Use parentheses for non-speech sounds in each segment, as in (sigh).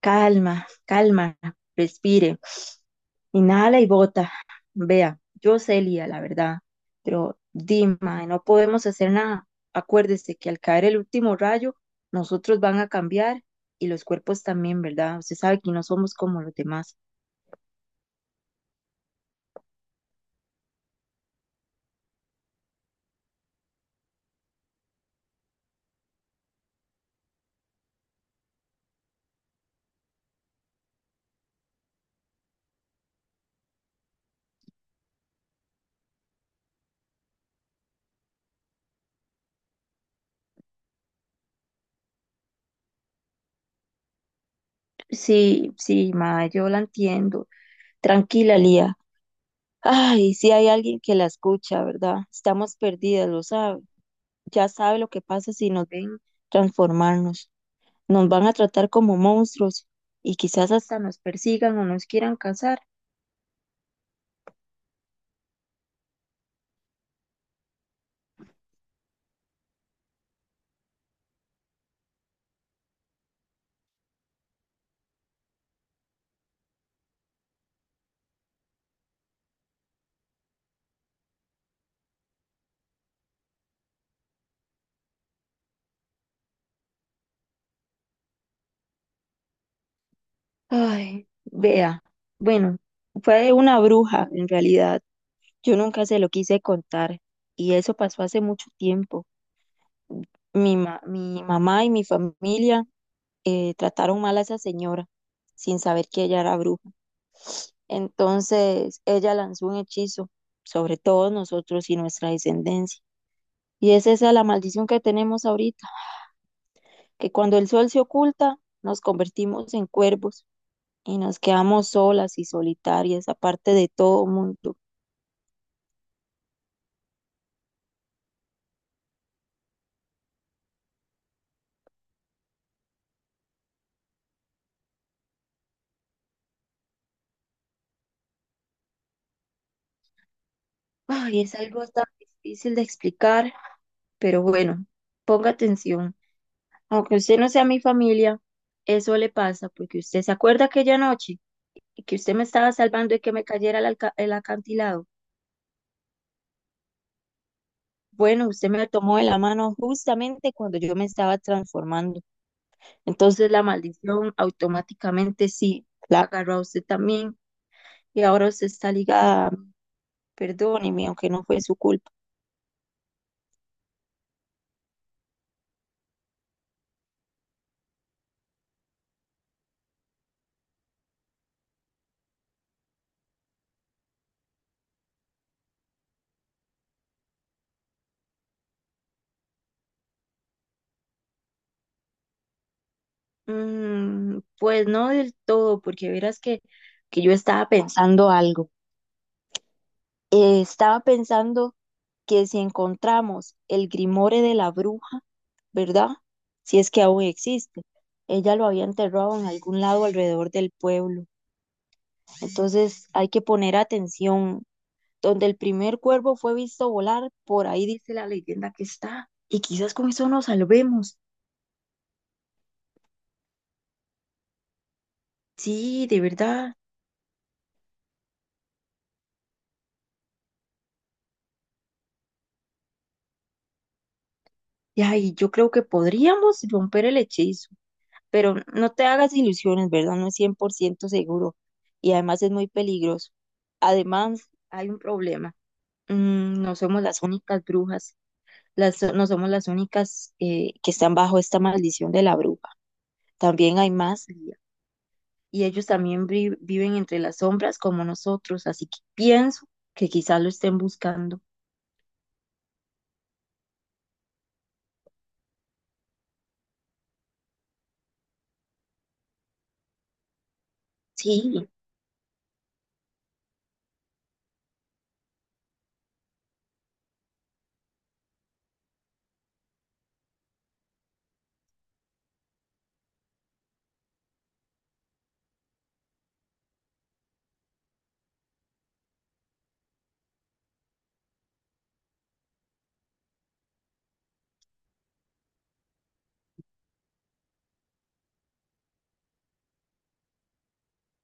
Calma, calma, respire. Inhala y bota. Vea, yo sé, Lía, la verdad, pero Dima, no podemos hacer nada. Acuérdese que al caer el último rayo, nosotros van a cambiar y los cuerpos también, ¿verdad? Usted sabe que no somos como los demás. Sí, sí, ma, yo la entiendo. Tranquila, Lía. Ay, si hay alguien que la escucha, ¿verdad? Estamos perdidas, lo sabe. Ya sabe lo que pasa si nos ven transformarnos. Nos van a tratar como monstruos y quizás hasta nos persigan o nos quieran cazar. Ay, vea. Bueno, fue una bruja en realidad. Yo nunca se lo quise contar y eso pasó hace mucho tiempo. Mi mamá y mi familia trataron mal a esa señora sin saber que ella era bruja. Entonces ella lanzó un hechizo sobre todos nosotros y nuestra descendencia. Y es esa la maldición que tenemos ahorita, que cuando el sol se oculta, nos convertimos en cuervos y nos quedamos solas y solitarias, aparte de todo mundo. Ay, es algo tan difícil de explicar, pero bueno, ponga atención. Aunque usted no sea mi familia, eso le pasa porque usted se acuerda aquella noche y que usted me estaba salvando y que me cayera el acantilado. Bueno, usted me tomó de la mano justamente cuando yo me estaba transformando. Entonces la maldición automáticamente sí la agarró a usted también. Y ahora usted está ligada, perdóneme, aunque no fue su culpa. Mm, pues no del todo, porque verás que yo estaba pensando algo. Estaba pensando que si encontramos el Grimore de la bruja, ¿verdad? Si es que aún existe. Ella lo había enterrado en algún lado alrededor del pueblo. Entonces hay que poner atención. Donde el primer cuervo fue visto volar, por ahí dice la leyenda que está. Y quizás con eso nos salvemos. Sí, de verdad. Y ay, yo creo que podríamos romper el hechizo, pero no te hagas ilusiones, ¿verdad? No es 100% seguro y además es muy peligroso. Además, hay un problema. Mm, no somos las únicas brujas, las, no somos las únicas que están bajo esta maldición de la bruja. También hay más Lía, y ellos también viven entre las sombras como nosotros, así que pienso que quizás lo estén buscando. Sí.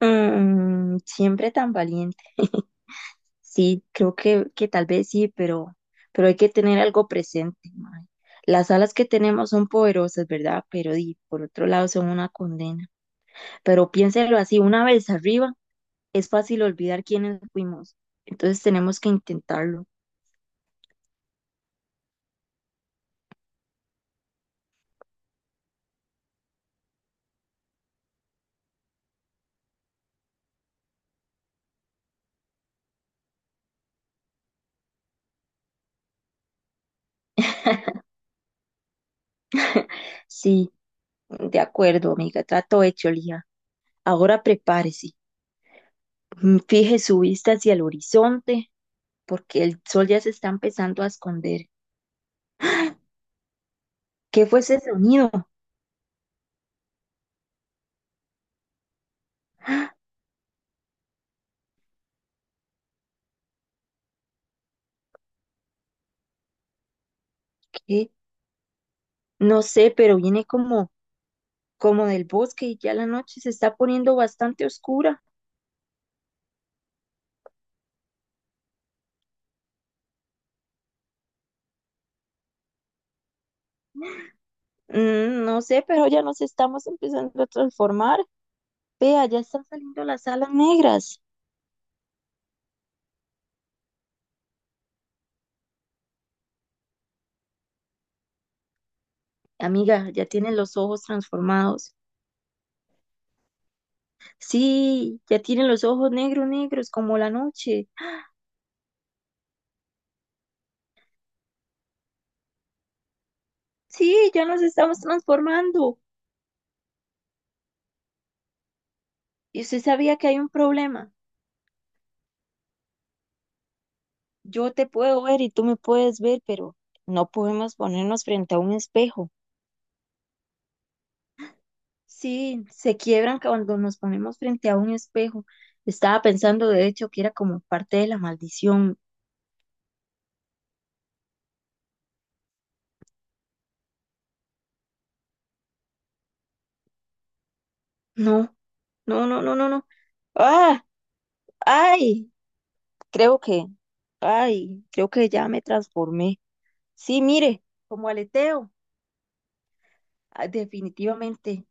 Siempre tan valiente. (laughs) Sí, creo que tal vez sí, pero hay que tener algo presente, mae. Las alas que tenemos son poderosas, ¿verdad? Pero di, por otro lado son una condena. Pero piénselo así, una vez arriba es fácil olvidar quiénes fuimos. Entonces tenemos que intentarlo. Sí, de acuerdo, amiga, trato hecho, Lía. Ahora prepárese. Fije su vista hacia el horizonte, porque el sol ya se está empezando a esconder. ¿Qué fue ese sonido? ¿Qué? No sé, pero viene como del bosque y ya la noche se está poniendo bastante oscura. Mm, no sé, pero ya nos estamos empezando a transformar. Vea, ya están saliendo las alas negras. Amiga, ya tienen los ojos transformados. Sí, ya tienen los ojos negros, negros, como la noche. Sí, ya nos estamos transformando. Y usted sabía que hay un problema. Yo te puedo ver y tú me puedes ver, pero no podemos ponernos frente a un espejo. Sí, se quiebran cuando nos ponemos frente a un espejo. Estaba pensando, de hecho, que era como parte de la maldición. No, no, no, no, no, no. Ah, ay, creo ay, creo que ya me transformé. Sí, mire, como aleteo. Ah, definitivamente,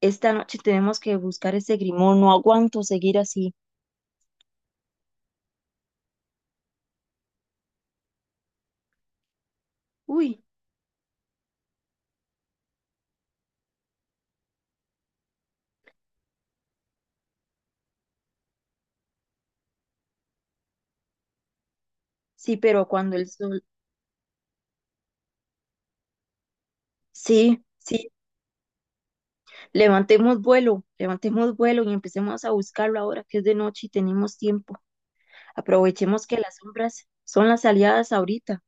esta noche tenemos que buscar ese grimón. No aguanto seguir así. Uy, sí, pero cuando el sol, sí, sí, levantemos vuelo y empecemos a buscarlo ahora que es de noche y tenemos tiempo. Aprovechemos que las sombras son las aliadas ahorita.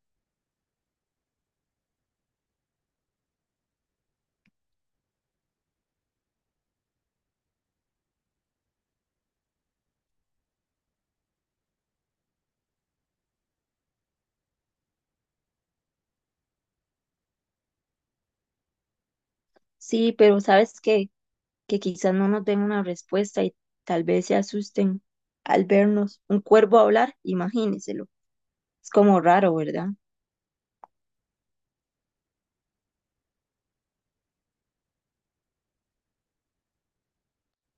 Sí, pero ¿sabes qué? Que quizás no nos den una respuesta y tal vez se asusten al vernos un cuervo hablar, imagínenselo. Es como raro, ¿verdad?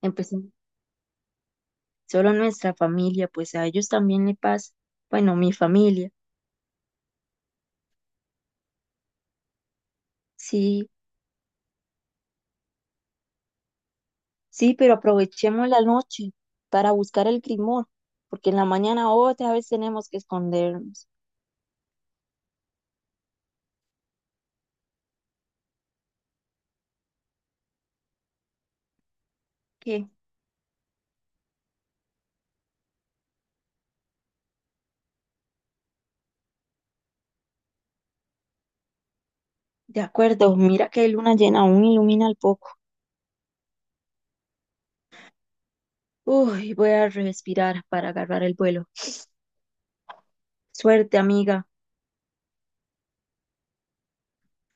Empecemos solo nuestra familia, pues a ellos también le pasa. Bueno, mi familia. Sí, sí, pero aprovechemos la noche para buscar el grimor, porque en la mañana otra vez tenemos que escondernos. ¿Qué? De acuerdo, mira que hay luna llena aún ilumina el poco. Uy, voy a respirar para agarrar el vuelo. Suerte, amiga.